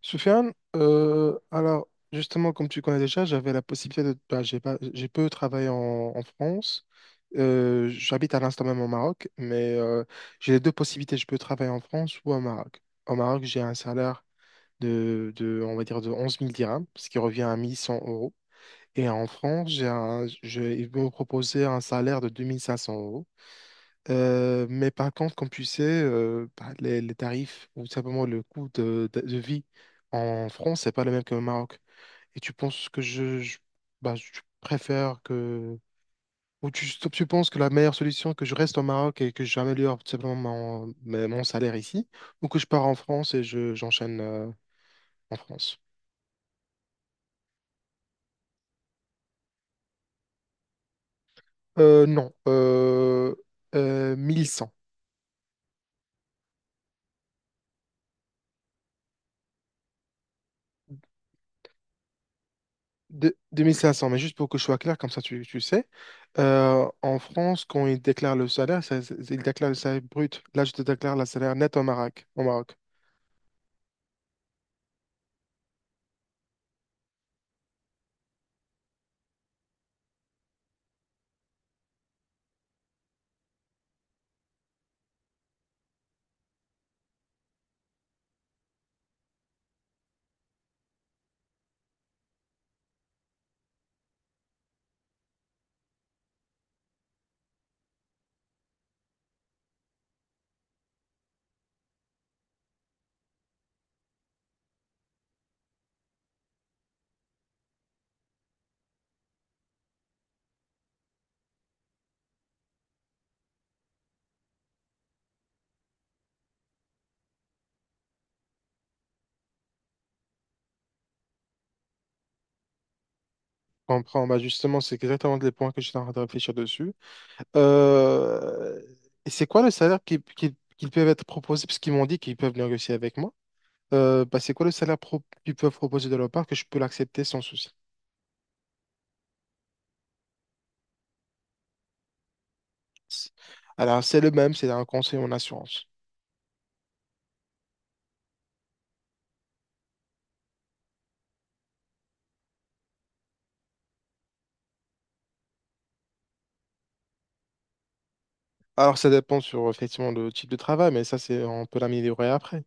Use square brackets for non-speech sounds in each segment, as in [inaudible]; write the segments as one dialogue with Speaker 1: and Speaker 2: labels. Speaker 1: Soufiane, alors justement, comme tu connais déjà, j'avais la possibilité de. Bah, j'ai pas, j'ai peu travaillé en France. J'habite à l'instant même au Maroc, mais j'ai les deux possibilités. Je peux travailler en France ou au Maroc. Au Maroc, j'ai un salaire de, on va dire, de onze mille dirhams, ce qui revient à mille cent euros. Et en France, ils m'ont proposé un salaire de deux mille cinq cents euros. Mais par contre, comme tu sais, bah, les tarifs ou simplement le coût de vie en France, c'est pas le même qu'au Maroc. Et tu penses que bah, je préfère que. Ou tu penses que la meilleure solution, que je reste au Maroc et que j'améliore tout simplement mon salaire ici, ou que je pars en France et j'enchaîne en France? Non, 1100. Deux mille cinq cents mais juste pour que je sois clair, comme ça tu sais, en France, quand ils déclarent le salaire, ils déclarent le salaire brut. Là, je te déclare le salaire net au Maroc. Au Maroc. Je comprends. Bah justement, c'est exactement les points que j'étais en train de réfléchir dessus. Euh, et c'est quoi le salaire qu'ils peuvent être proposés, parce qu'ils m'ont dit qu'ils peuvent négocier avec moi. Bah, c'est quoi le salaire qu'ils peuvent proposer de leur part que je peux l'accepter sans souci? Alors, c'est le même, c'est un conseil en assurance. Alors, ça dépend sur effectivement le type de travail, mais ça, c'est on peut l'améliorer après.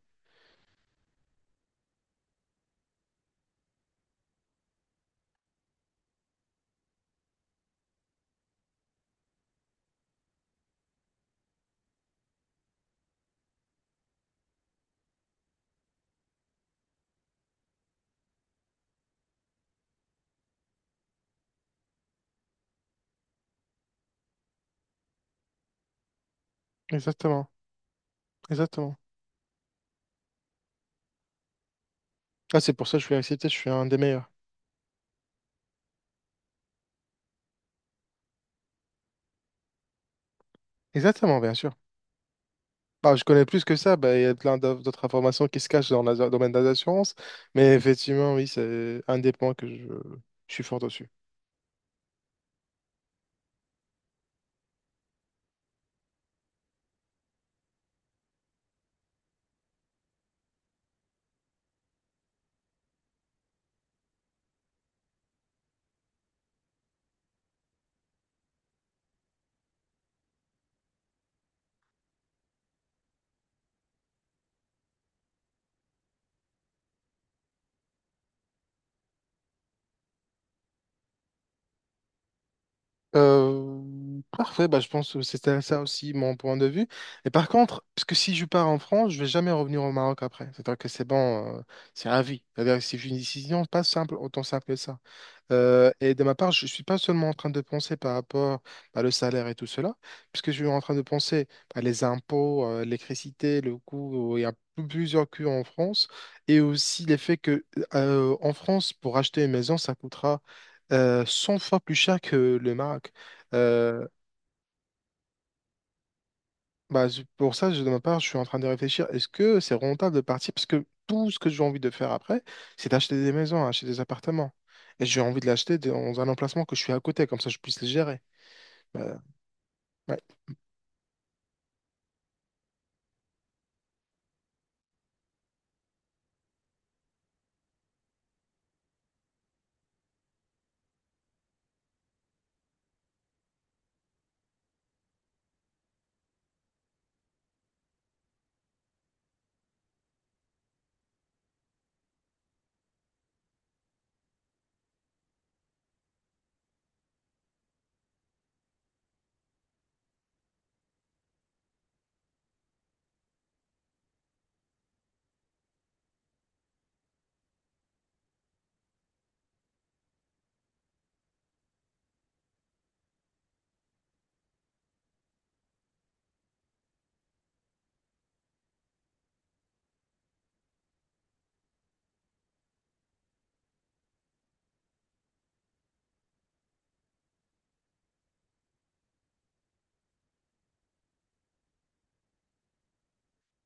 Speaker 1: Exactement, exactement. Ah, c'est pour ça que je suis accepté, je suis un des meilleurs. Exactement, bien sûr. Bah, je connais plus que ça, bah, il y a plein d'autres informations qui se cachent dans le domaine des assurances, mais effectivement, oui, c'est un des points que je suis fort dessus. Parfait, bah, je pense que c'était ça aussi mon point de vue. Et par contre, parce que si je pars en France, je vais jamais revenir au Maroc après. C'est-à-dire que c'est bon, c'est à vie. C'est-à-dire que si j'ai une décision, pas simple, autant simple que ça. Et de ma part, je ne suis pas seulement en train de penser par rapport à le salaire et tout cela, puisque je suis en train de penser à les impôts, l'électricité, le coût, il y a plusieurs coûts en France, et aussi l'effet que en France, pour acheter une maison, ça coûtera 100 fois plus cher que le Maroc. Euh, Bah, c'est pour ça, de ma part, je suis en train de réfléchir, est-ce que c'est rentable de partir? Parce que tout ce que j'ai envie de faire après, c'est d'acheter des maisons, hein, acheter des appartements. Et j'ai envie de l'acheter dans un emplacement que je suis à côté, comme ça je puisse les gérer. Bah, ouais.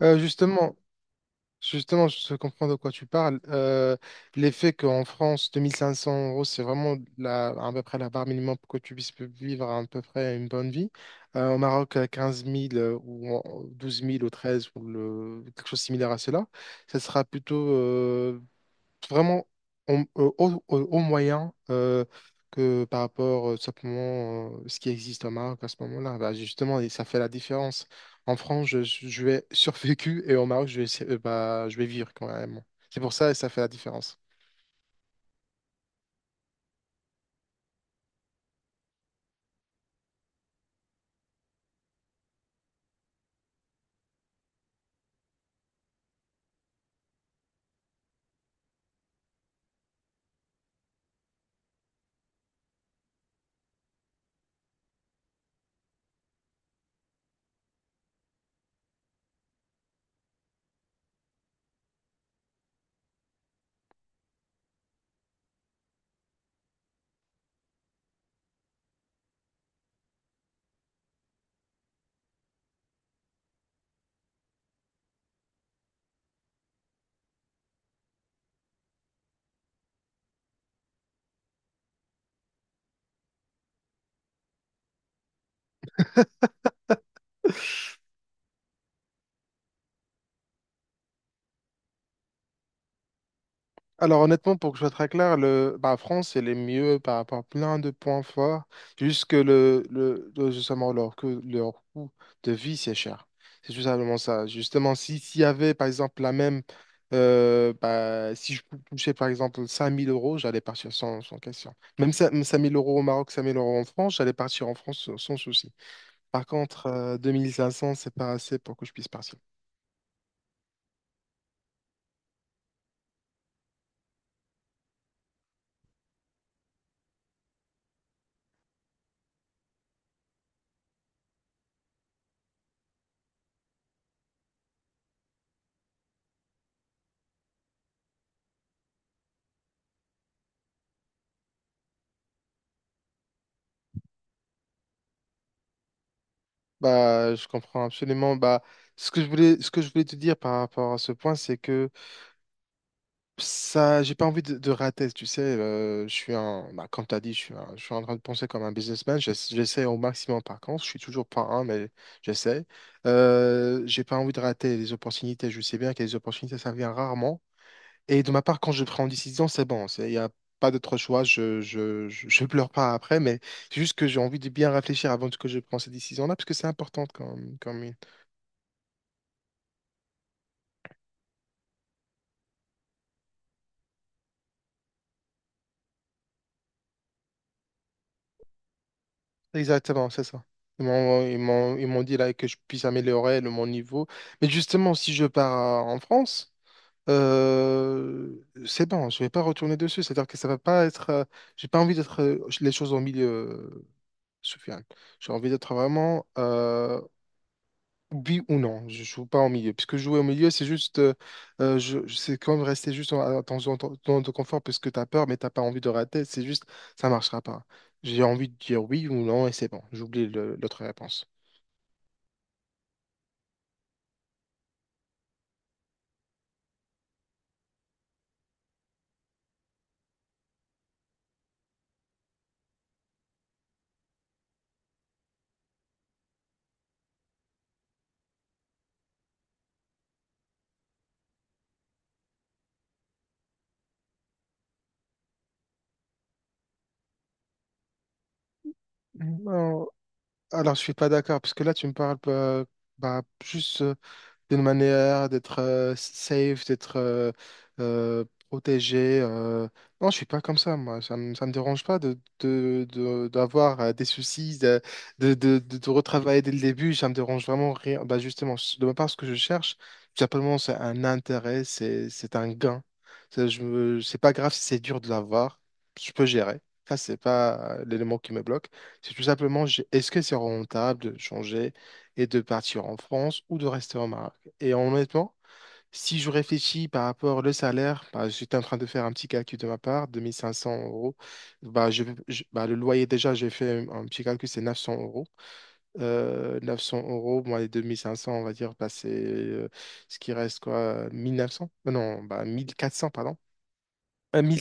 Speaker 1: Euh, justement, Justement, je comprends de quoi tu parles. L'effet qu'en France, 2500 euros, c'est vraiment à peu près la barre minimum pour que tu puisses vivre à, peu près une bonne vie. Au Maroc, à 15 000 ou 12 000 ou 13 ou le, quelque chose de similaire à cela, ça sera plutôt vraiment au moyen que par rapport simplement ce qui existe au Maroc à ce moment-là. Bah, justement, et ça fait la différence. En France, je vais [laughs] survécu et au Maroc, bah, je vais vivre quand même. C'est pour ça et ça fait la différence. Alors honnêtement, pour que je sois très clair, bah, France, elle est mieux par rapport à plein de points forts, juste que justement, que leur coût de vie, c'est cher. C'est tout simplement ça. Justement, si, s'il y avait, par exemple, bah, si je touchais, par exemple, 5000 euros, j'allais partir sans question. Même 5000 € au Maroc, 5000 € en France, j'allais partir en France sans souci. Par contre, 2500, c'est pas assez pour que je puisse partir. Bah, je comprends absolument. Bah, ce que je voulais te dire par rapport à ce point, c'est que ça, j'ai pas envie de rater. Tu sais, bah, comme t'as dit, je suis en train de penser comme un businessman. J'essaie au maximum. Par contre, je suis toujours pas un, mais j'essaie. J'ai pas envie de rater les opportunités. Je sais bien que les opportunités, ça vient rarement. Et de ma part, quand je prends une décision, c'est bon. Il y a pas d'autre choix. Je pleure pas après, mais c'est juste que j'ai envie de bien réfléchir avant que je prenne cette décision-là, parce que c'est important comme. Exactement, c'est ça. Ils m'ont dit là que je puisse améliorer mon niveau. Mais justement, si je pars en France, c'est bon, je vais pas retourner dessus. C'est-à-dire que ça va pas être. J'ai pas envie d'être les choses au milieu, Soufiane. J'ai envie d'être vraiment oui ou non, je joue pas en milieu. Puisque jouer au milieu, c'est juste, c'est quand même rester juste dans ton ton zone de confort parce que tu as peur, mais t'as pas envie de rater. C'est juste, ça marchera pas. J'ai envie de dire oui ou non et c'est bon. J'oublie l'autre réponse. Non, alors je suis pas d'accord parce que là tu me parles bah, juste d'une manière, d'être safe, d'être euh, protégé. Non, je suis pas comme ça, moi. Ça me dérange pas d'avoir des soucis, de retravailler dès le début. Ça me dérange vraiment rien. Bah, justement, de ma part, ce que je cherche, tout simplement, c'est un intérêt, c'est un gain. C'est pas grave si c'est dur de l'avoir. Je peux gérer. Ça, c'est pas l'élément qui me bloque. C'est tout simplement, est-ce que c'est rentable de changer et de partir en France ou de rester au Maroc? Et honnêtement, si je réfléchis par rapport au salaire, bah, j'étais en train de faire un petit calcul de ma part, 2500 euros. Bah, bah, le loyer, déjà, j'ai fait un petit calcul, c'est 900 euros. 900 euros, moins les 2500, on va dire, bah, c'est ce qui reste, quoi, 1900? Non, bah, 1400, pardon. 1000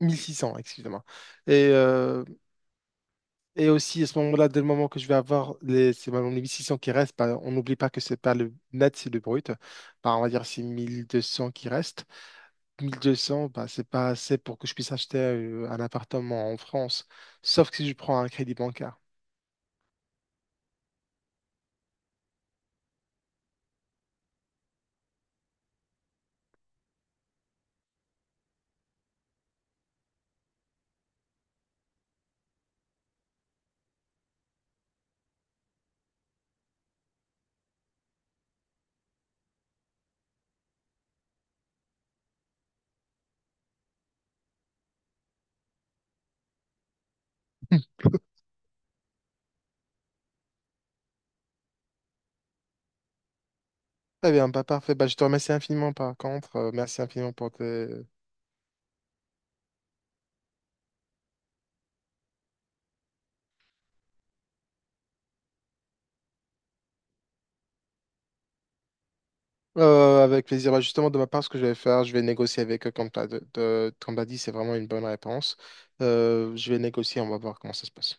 Speaker 1: 1600, excusez-moi. Et euh, et aussi, à ce moment-là, dès le moment que je vais avoir c'est les 1600 qui restent, bah, on n'oublie pas que c'est pas le net, c'est le brut. Bah, on va dire c'est 1200 qui restent. 1200, bah, c'est pas assez pour que je puisse acheter un appartement en France, sauf que si je prends un crédit bancaire. Très bien, bah, parfait. Bah, je te remercie infiniment par contre. Merci infiniment pour tes... Avec plaisir. Bah, justement, de ma part, ce que je vais faire, je vais négocier avec eux, comme tu as, dit, c'est vraiment une bonne réponse. Je vais négocier, on va voir comment ça se passe.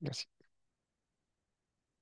Speaker 1: Merci.